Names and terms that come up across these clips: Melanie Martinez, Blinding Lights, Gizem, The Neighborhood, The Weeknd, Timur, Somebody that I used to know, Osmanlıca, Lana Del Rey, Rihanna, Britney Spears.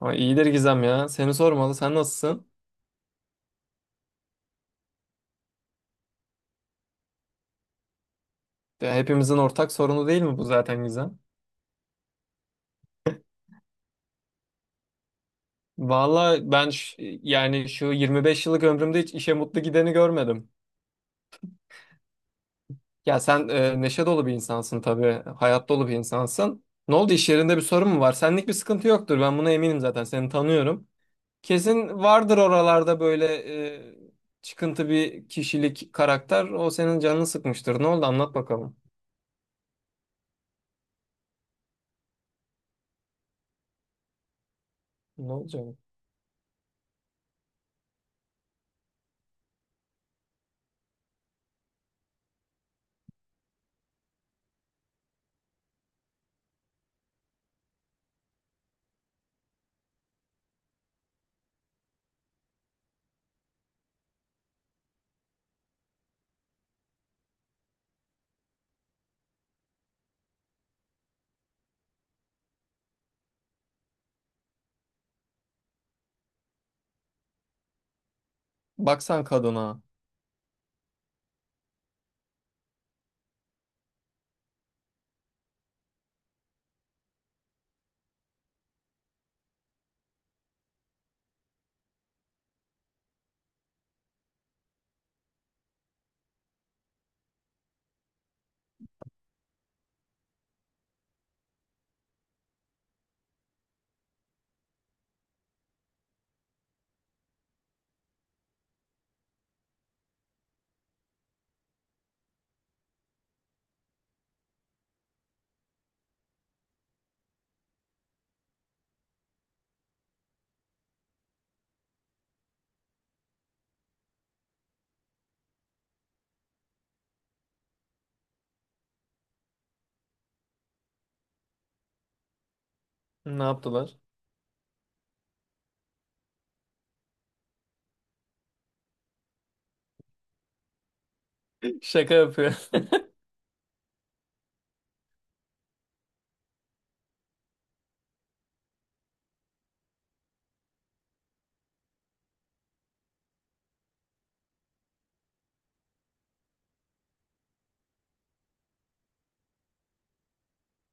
Ama iyidir Gizem ya. Seni sormalı. Sen nasılsın? Ya hepimizin ortak sorunu değil mi bu zaten Gizem? Vallahi ben şu 25 yıllık ömrümde hiç işe mutlu gideni görmedim. Ya sen neşe dolu bir insansın tabii. Hayat dolu bir insansın. Ne oldu, iş yerinde bir sorun mu var? Senlik bir sıkıntı yoktur. Ben buna eminim zaten. Seni tanıyorum. Kesin vardır oralarda böyle e, çıkıntı bir kişilik karakter. O senin canını sıkmıştır. Ne oldu? Anlat bakalım. Ne olacak? Baksan kadına. Ne yaptılar? Şaka yapıyor.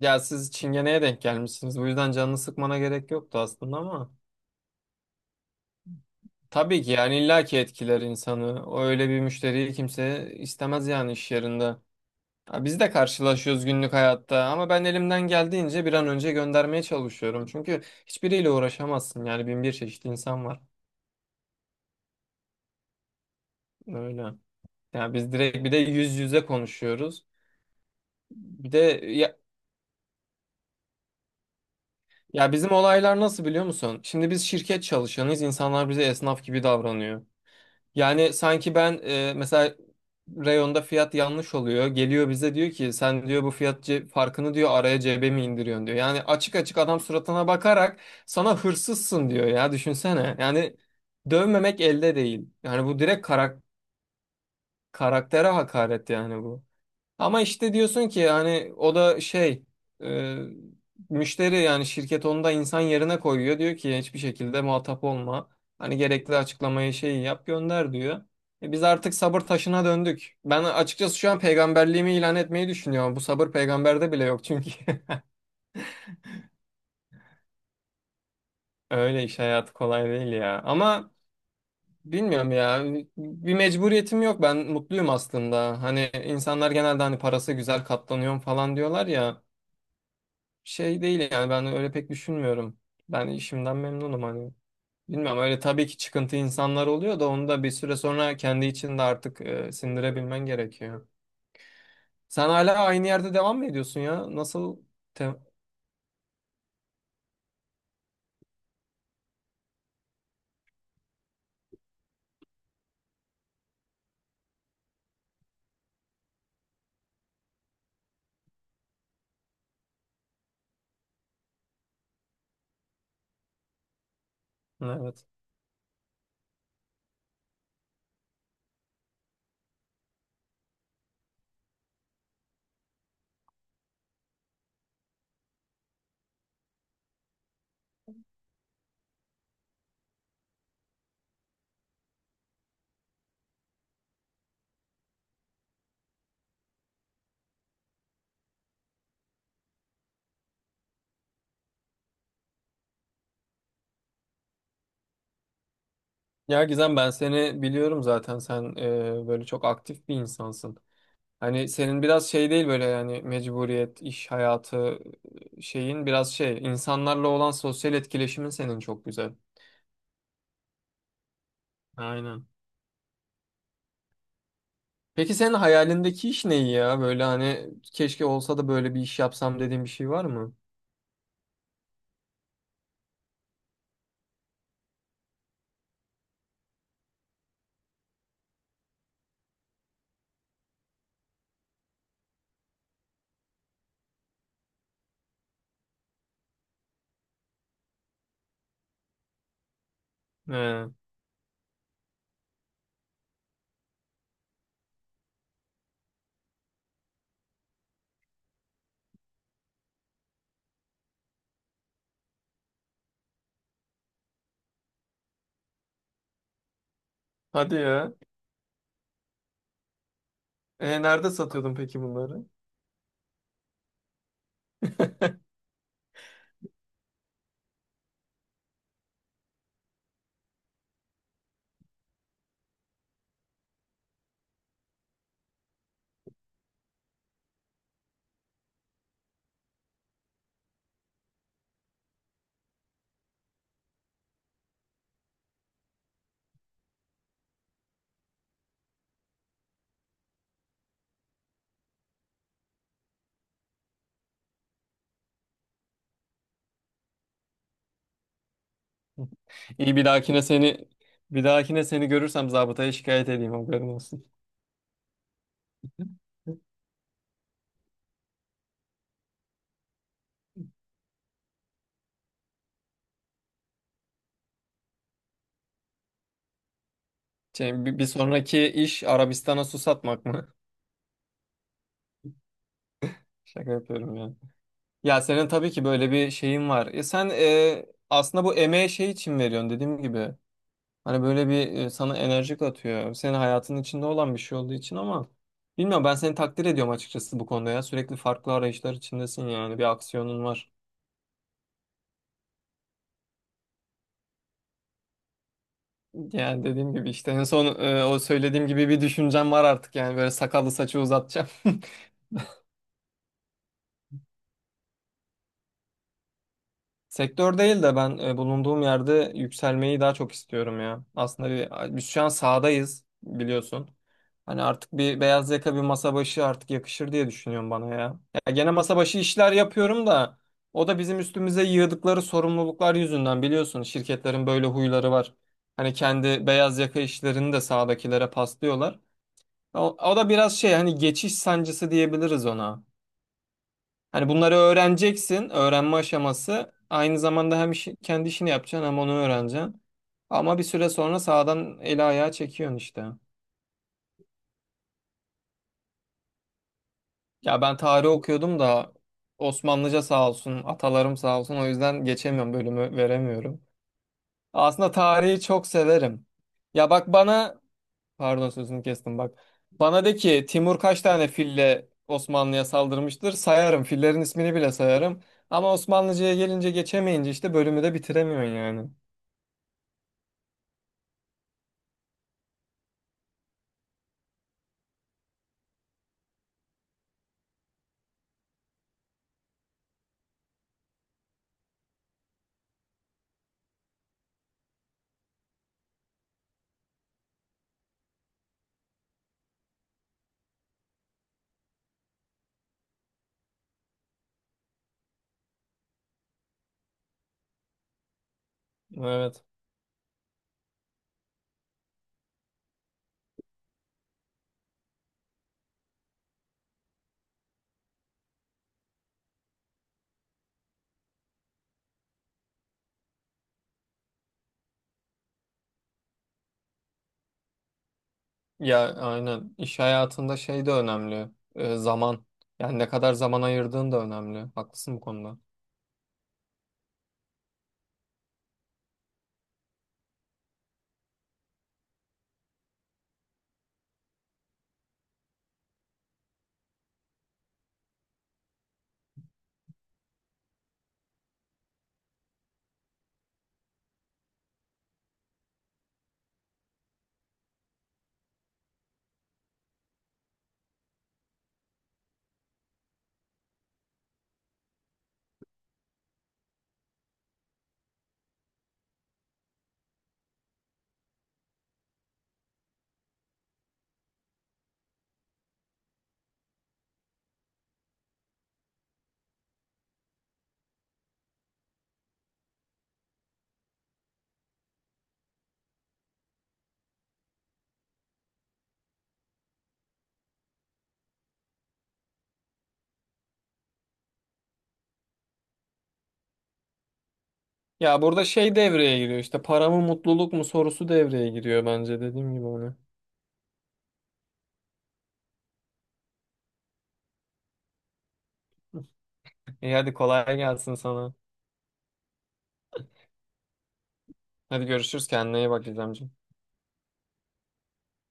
Ya siz çingeneye denk gelmişsiniz. Bu yüzden canını sıkmana gerek yoktu aslında ama. Tabii ki, yani illaki etkiler insanı. O Öyle bir müşteriyi kimse istemez yani iş yerinde. Ya biz de karşılaşıyoruz günlük hayatta ama ben elimden geldiğince bir an önce göndermeye çalışıyorum. Çünkü hiçbiriyle uğraşamazsın, yani bin bir çeşit insan var. Öyle. Ya biz direkt bir de yüz yüze konuşuyoruz. Bir de ya, ya, bizim olaylar nasıl biliyor musun? Şimdi biz şirket çalışanıyız. İnsanlar bize esnaf gibi davranıyor. Yani sanki ben mesela reyonda fiyat yanlış oluyor. Geliyor bize diyor ki, sen diyor bu farkını diyor araya cebe mi indiriyorsun diyor. Yani açık açık adam suratına bakarak sana hırsızsın diyor ya, düşünsene. Yani dövmemek elde değil. Yani bu direkt karaktere hakaret yani bu. Ama işte diyorsun ki hani o da şey e, müşteri, yani şirket onu da insan yerine koyuyor. Diyor ki hiçbir şekilde muhatap olma. Hani gerekli açıklamayı şeyi yap gönder diyor. E biz artık sabır taşına döndük. Ben açıkçası şu an peygamberliğimi ilan etmeyi düşünüyorum. Bu sabır peygamberde bile yok çünkü. Öyle, iş hayatı kolay değil ya. Ama bilmiyorum ya. Bir mecburiyetim yok. Ben mutluyum aslında. Hani insanlar genelde hani parası güzel katlanıyorum falan diyorlar ya. Şey değil yani, ben öyle pek düşünmüyorum. Ben işimden memnunum hani. Bilmiyorum, öyle tabii ki çıkıntı insanlar oluyor da onu da bir süre sonra kendi içinde artık sindirebilmen gerekiyor. Sen hala aynı yerde devam mı ediyorsun ya? Nasıl? te- Evet. Ya Gizem ben seni biliyorum zaten, sen böyle çok aktif bir insansın. Hani senin biraz şey değil böyle yani mecburiyet, iş hayatı şeyin biraz şey, insanlarla olan sosyal etkileşimin senin çok güzel. Aynen. Peki senin hayalindeki iş ne ya? Böyle hani keşke olsa da böyle bir iş yapsam dediğin bir şey var mı? He. Hadi ya. E, nerede satıyordun peki bunları? İyi, bir dahakine seni bir dahakine seni görürsem zabıtaya şikayet edeyim, haberin olsun. Şey, bir sonraki iş Arabistan'a su satmak mı? Şaka yapıyorum ya. Ya senin tabii ki böyle bir şeyin var. E sen aslında bu emeğe şey için veriyorsun dediğim gibi. Hani böyle bir sana enerji katıyor. Senin hayatının içinde olan bir şey olduğu için ama bilmiyorum, ben seni takdir ediyorum açıkçası bu konuda ya. Sürekli farklı arayışlar içindesin, yani bir aksiyonun var. Yani dediğim gibi işte en son o söylediğim gibi bir düşüncem var artık, yani böyle sakallı saçı uzatacağım. Sektör değil de ben bulunduğum yerde yükselmeyi daha çok istiyorum ya. Aslında biz şu an sahadayız biliyorsun. Hani artık bir beyaz yaka, bir masa başı artık yakışır diye düşünüyorum bana ya. Ya gene masa başı işler yapıyorum da o da bizim üstümüze yığdıkları sorumluluklar yüzünden, biliyorsun şirketlerin böyle huyları var. Hani kendi beyaz yaka işlerini de sahadakilere paslıyorlar. O da biraz şey, hani geçiş sancısı diyebiliriz ona. Hani bunları öğreneceksin. Öğrenme aşaması. Aynı zamanda hem kendi işini yapacaksın hem onu öğreneceksin. Ama bir süre sonra sağdan eli ayağı çekiyorsun işte. Ya ben tarih okuyordum da Osmanlıca sağ olsun, atalarım sağ olsun. O yüzden geçemiyorum, bölümü veremiyorum. Aslında tarihi çok severim. Ya bak bana, pardon sözünü kestim bak. Bana de ki Timur kaç tane fille Osmanlı'ya saldırmıştır? Sayarım. Fillerin ismini bile sayarım. Ama Osmanlıca'ya gelince, geçemeyince işte bölümü de bitiremiyorsun yani. Evet. Ya aynen. İş hayatında şey de önemli. Zaman. Yani ne kadar zaman ayırdığın da önemli. Haklısın bu konuda. Ya burada şey devreye giriyor işte, para mı mutluluk mu sorusu devreye giriyor bence, dediğim gibi onu. İyi, hadi kolay gelsin sana. Hadi görüşürüz, kendine iyi bak İzlemciğim.